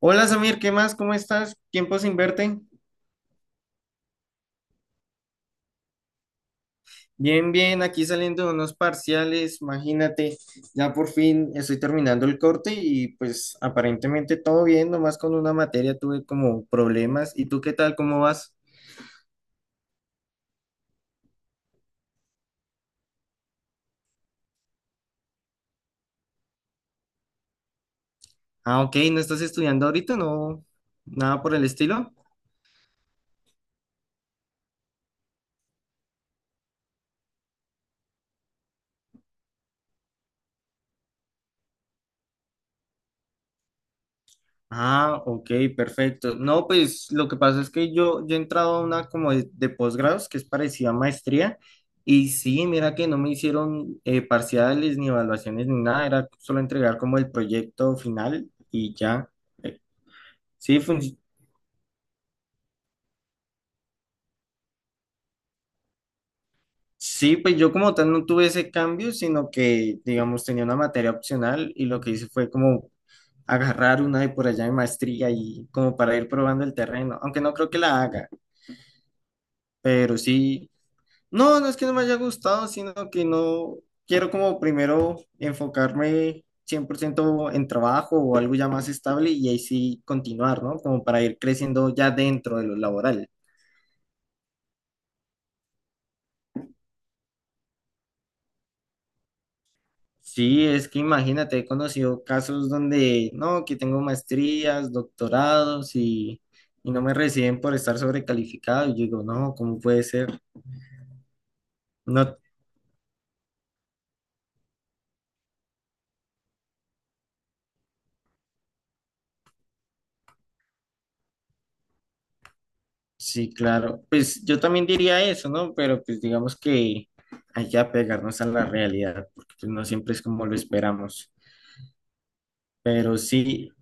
Hola Samir, ¿qué más? ¿Cómo estás? Tiempo sin verte. Bien, bien, aquí saliendo de unos parciales, imagínate, ya por fin estoy terminando el corte y pues aparentemente todo bien, nomás con una materia tuve como problemas. ¿Y tú qué tal? ¿Cómo vas? Ah, ok, ¿no estás estudiando ahorita? ¿No? ¿Nada por el estilo? Ah, ok, perfecto. No, pues lo que pasa es que yo he entrado a una como de posgrados que es parecida a maestría y sí, mira que no me hicieron parciales ni evaluaciones ni nada, era solo entregar como el proyecto final y ya. Eh, sí, fun- sí, pues yo como tal no tuve ese cambio, sino que digamos tenía una materia opcional y lo que hice fue como agarrar una de por allá de maestría y como para ir probando el terreno, aunque no creo que la haga, pero sí. No, no es que no me haya gustado, sino que no quiero como primero enfocarme 100% en trabajo o algo ya más estable y ahí sí continuar, ¿no? Como para ir creciendo ya dentro de lo laboral. Sí, es que imagínate, he conocido casos donde, no, que tengo maestrías, doctorados y no me reciben por estar sobrecalificado. Y yo digo, no, ¿cómo puede ser? No. Sí, claro. Pues yo también diría eso, ¿no? Pero pues digamos que hay que apegarnos a la realidad, porque pues, no siempre es como lo esperamos. Pero sí,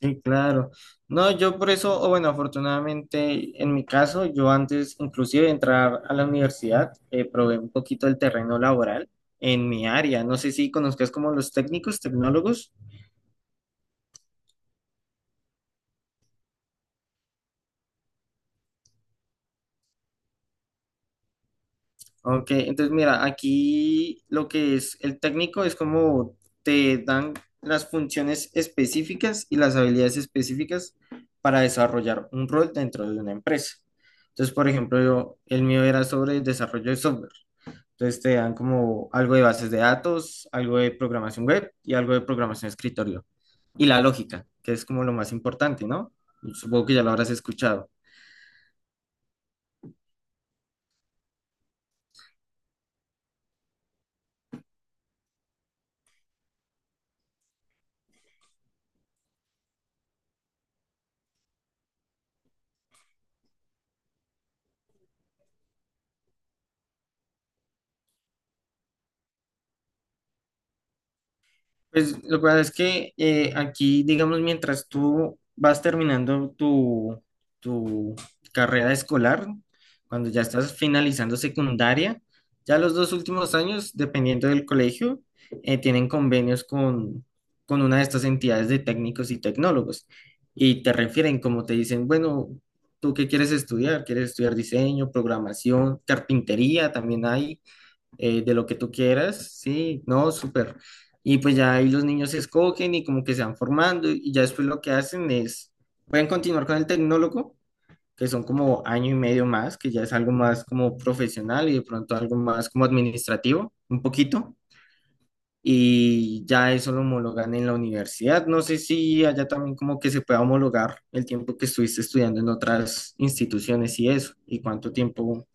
sí, claro. No, yo por eso, o bueno, afortunadamente en mi caso, yo antes inclusive de entrar a la universidad, probé un poquito el terreno laboral en mi área. No sé si conozcas como los técnicos, tecnólogos. Ok, entonces mira, aquí lo que es el técnico es como te dan las funciones específicas y las habilidades específicas para desarrollar un rol dentro de una empresa. Entonces, por ejemplo, yo- el mío era sobre el desarrollo de software. Entonces te dan como algo de bases de datos, algo de programación web y algo de programación de escritorio. Y la lógica, que es como lo más importante, ¿no? Supongo que ya lo habrás escuchado. Pues lo que pasa es que aquí, digamos, mientras tú vas terminando tu carrera escolar, cuando ya estás finalizando secundaria, ya los dos últimos años, dependiendo del colegio, tienen convenios con una de estas entidades de técnicos y tecnólogos. Y te refieren, como te dicen, bueno, ¿tú qué quieres estudiar? ¿Quieres estudiar diseño, programación, carpintería? También hay de lo que tú quieras, sí, no, súper. Y pues ya ahí los niños se escogen y como que se van formando y ya después lo que hacen es, pueden continuar con el tecnólogo, que son como año y medio más, que ya es algo más como profesional y de pronto algo más como administrativo, un poquito. Y ya eso lo homologan en la universidad. No sé si allá también como que se pueda homologar el tiempo que estuviste estudiando en otras instituciones y eso, y cuánto tiempo.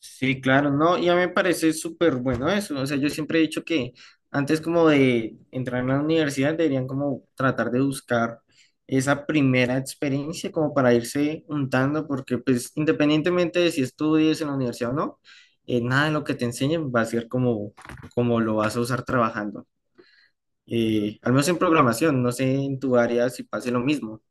Sí, claro, no, y a mí me parece súper bueno eso, o sea, yo siempre he dicho que antes como de entrar en la universidad deberían como tratar de buscar esa primera experiencia como para irse untando, porque pues independientemente de si estudies en la universidad o no, nada de lo que te enseñen va a ser como, como lo vas a usar trabajando, al menos en programación, no sé en tu área si pase lo mismo.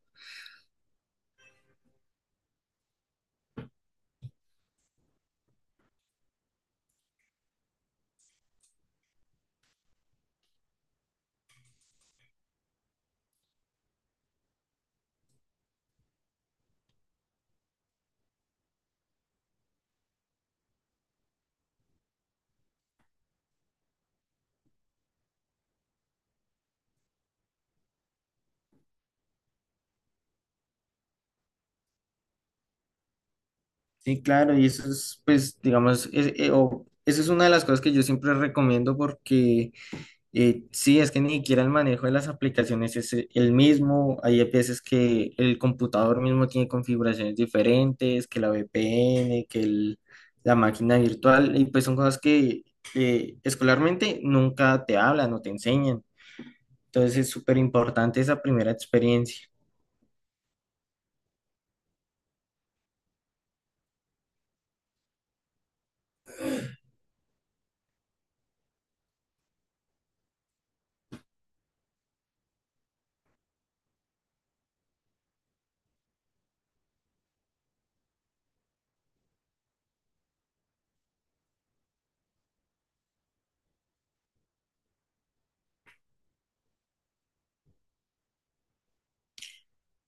Sí, claro, y eso es pues digamos, es- o- eso es una de las cosas que yo siempre recomiendo porque. Sí, es que ni siquiera el manejo de las aplicaciones es el mismo. Hay veces que el computador mismo tiene configuraciones diferentes, que la VPN, que el- la máquina virtual, y pues son cosas que escolarmente nunca te hablan o te enseñan. Entonces es súper importante esa primera experiencia.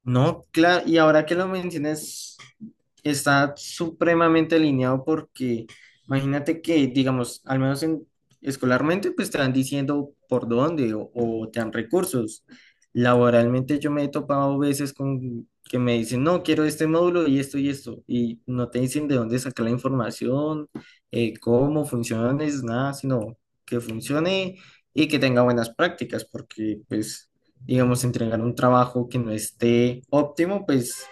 No, claro, y ahora que lo mencionas, está supremamente alineado porque imagínate que, digamos, al menos en, escolarmente, pues te van diciendo por dónde o te dan recursos. Laboralmente yo me he topado veces con que me dicen, no, quiero este módulo y esto y esto, y no te dicen de dónde sacar la información, cómo funciona, es nada, sino que funcione y que tenga buenas prácticas, porque pues digamos, entregar un trabajo que no esté óptimo, pues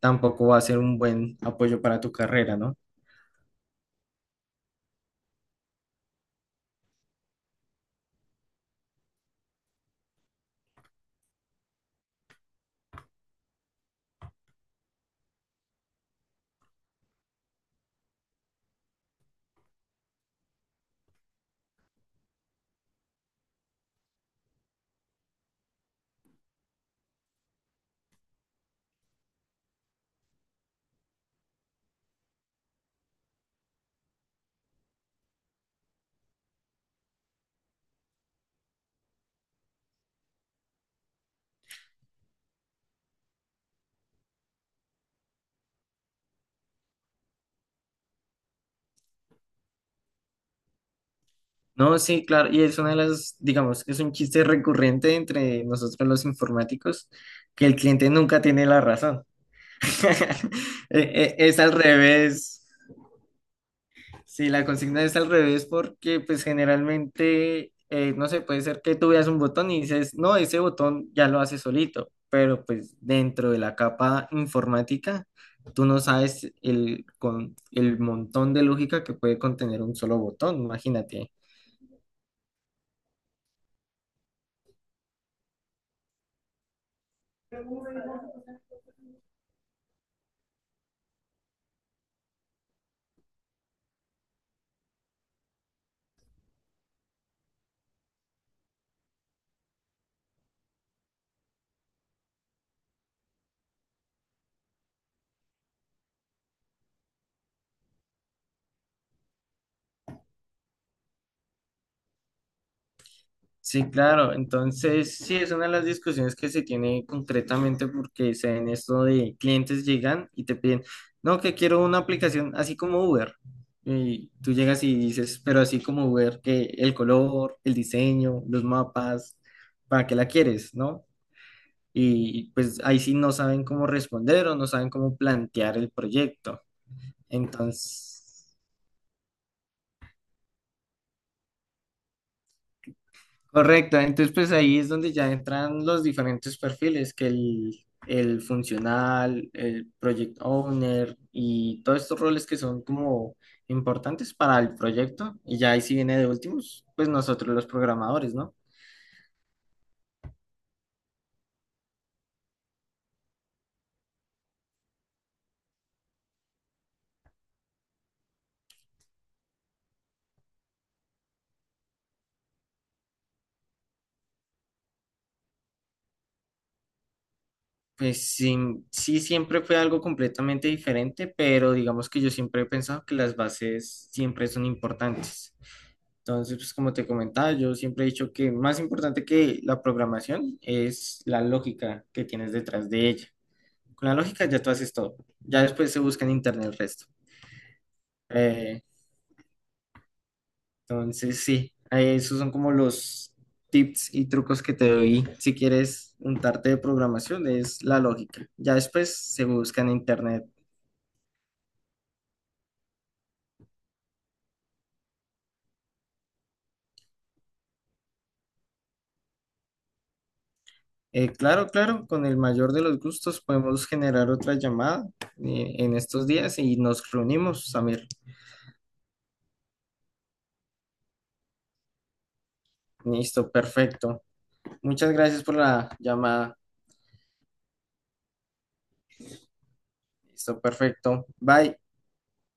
tampoco va a ser un buen apoyo para tu carrera, ¿no? No, sí, claro, y es una de las, digamos, es un chiste recurrente entre nosotros los informáticos, que el cliente nunca tiene la razón. Es al revés. Sí, la consigna es al revés porque pues generalmente, no sé, puede ser que tú veas un botón y dices, no, ese botón ya lo hace solito, pero pues dentro de la capa informática, tú no sabes el montón de lógica que puede contener un solo botón, imagínate. Sí, claro. Entonces, sí, es una de las discusiones que se tiene concretamente porque se ven esto de clientes llegan y te piden, no, que quiero una aplicación así como Uber. Y tú llegas y dices, pero así como Uber, que el color, el diseño, los mapas, ¿para qué la quieres, no? Y pues ahí sí no saben cómo responder o no saben cómo plantear el proyecto. Entonces. Correcto, entonces pues ahí es donde ya entran los diferentes perfiles, que el funcional, el project owner y todos estos roles que son como importantes para el proyecto. Y ya ahí sí viene de últimos, pues nosotros los programadores, ¿no? Pues sí, sí siempre fue algo completamente diferente, pero digamos que yo siempre he pensado que las bases siempre son importantes. Entonces, pues como te comentaba, yo siempre he dicho que más importante que la programación es la lógica que tienes detrás de ella. Con la lógica ya tú haces todo. Ya después se busca en internet el resto. Eh, entonces, sí, esos son como los tips y trucos que te doy si quieres untarte de programación, es la lógica. Ya después se busca en internet. Claro, claro, con el mayor de los gustos podemos generar otra llamada en estos días y nos reunimos, Samir. Listo, perfecto. Muchas gracias por la llamada. Listo, perfecto. Bye.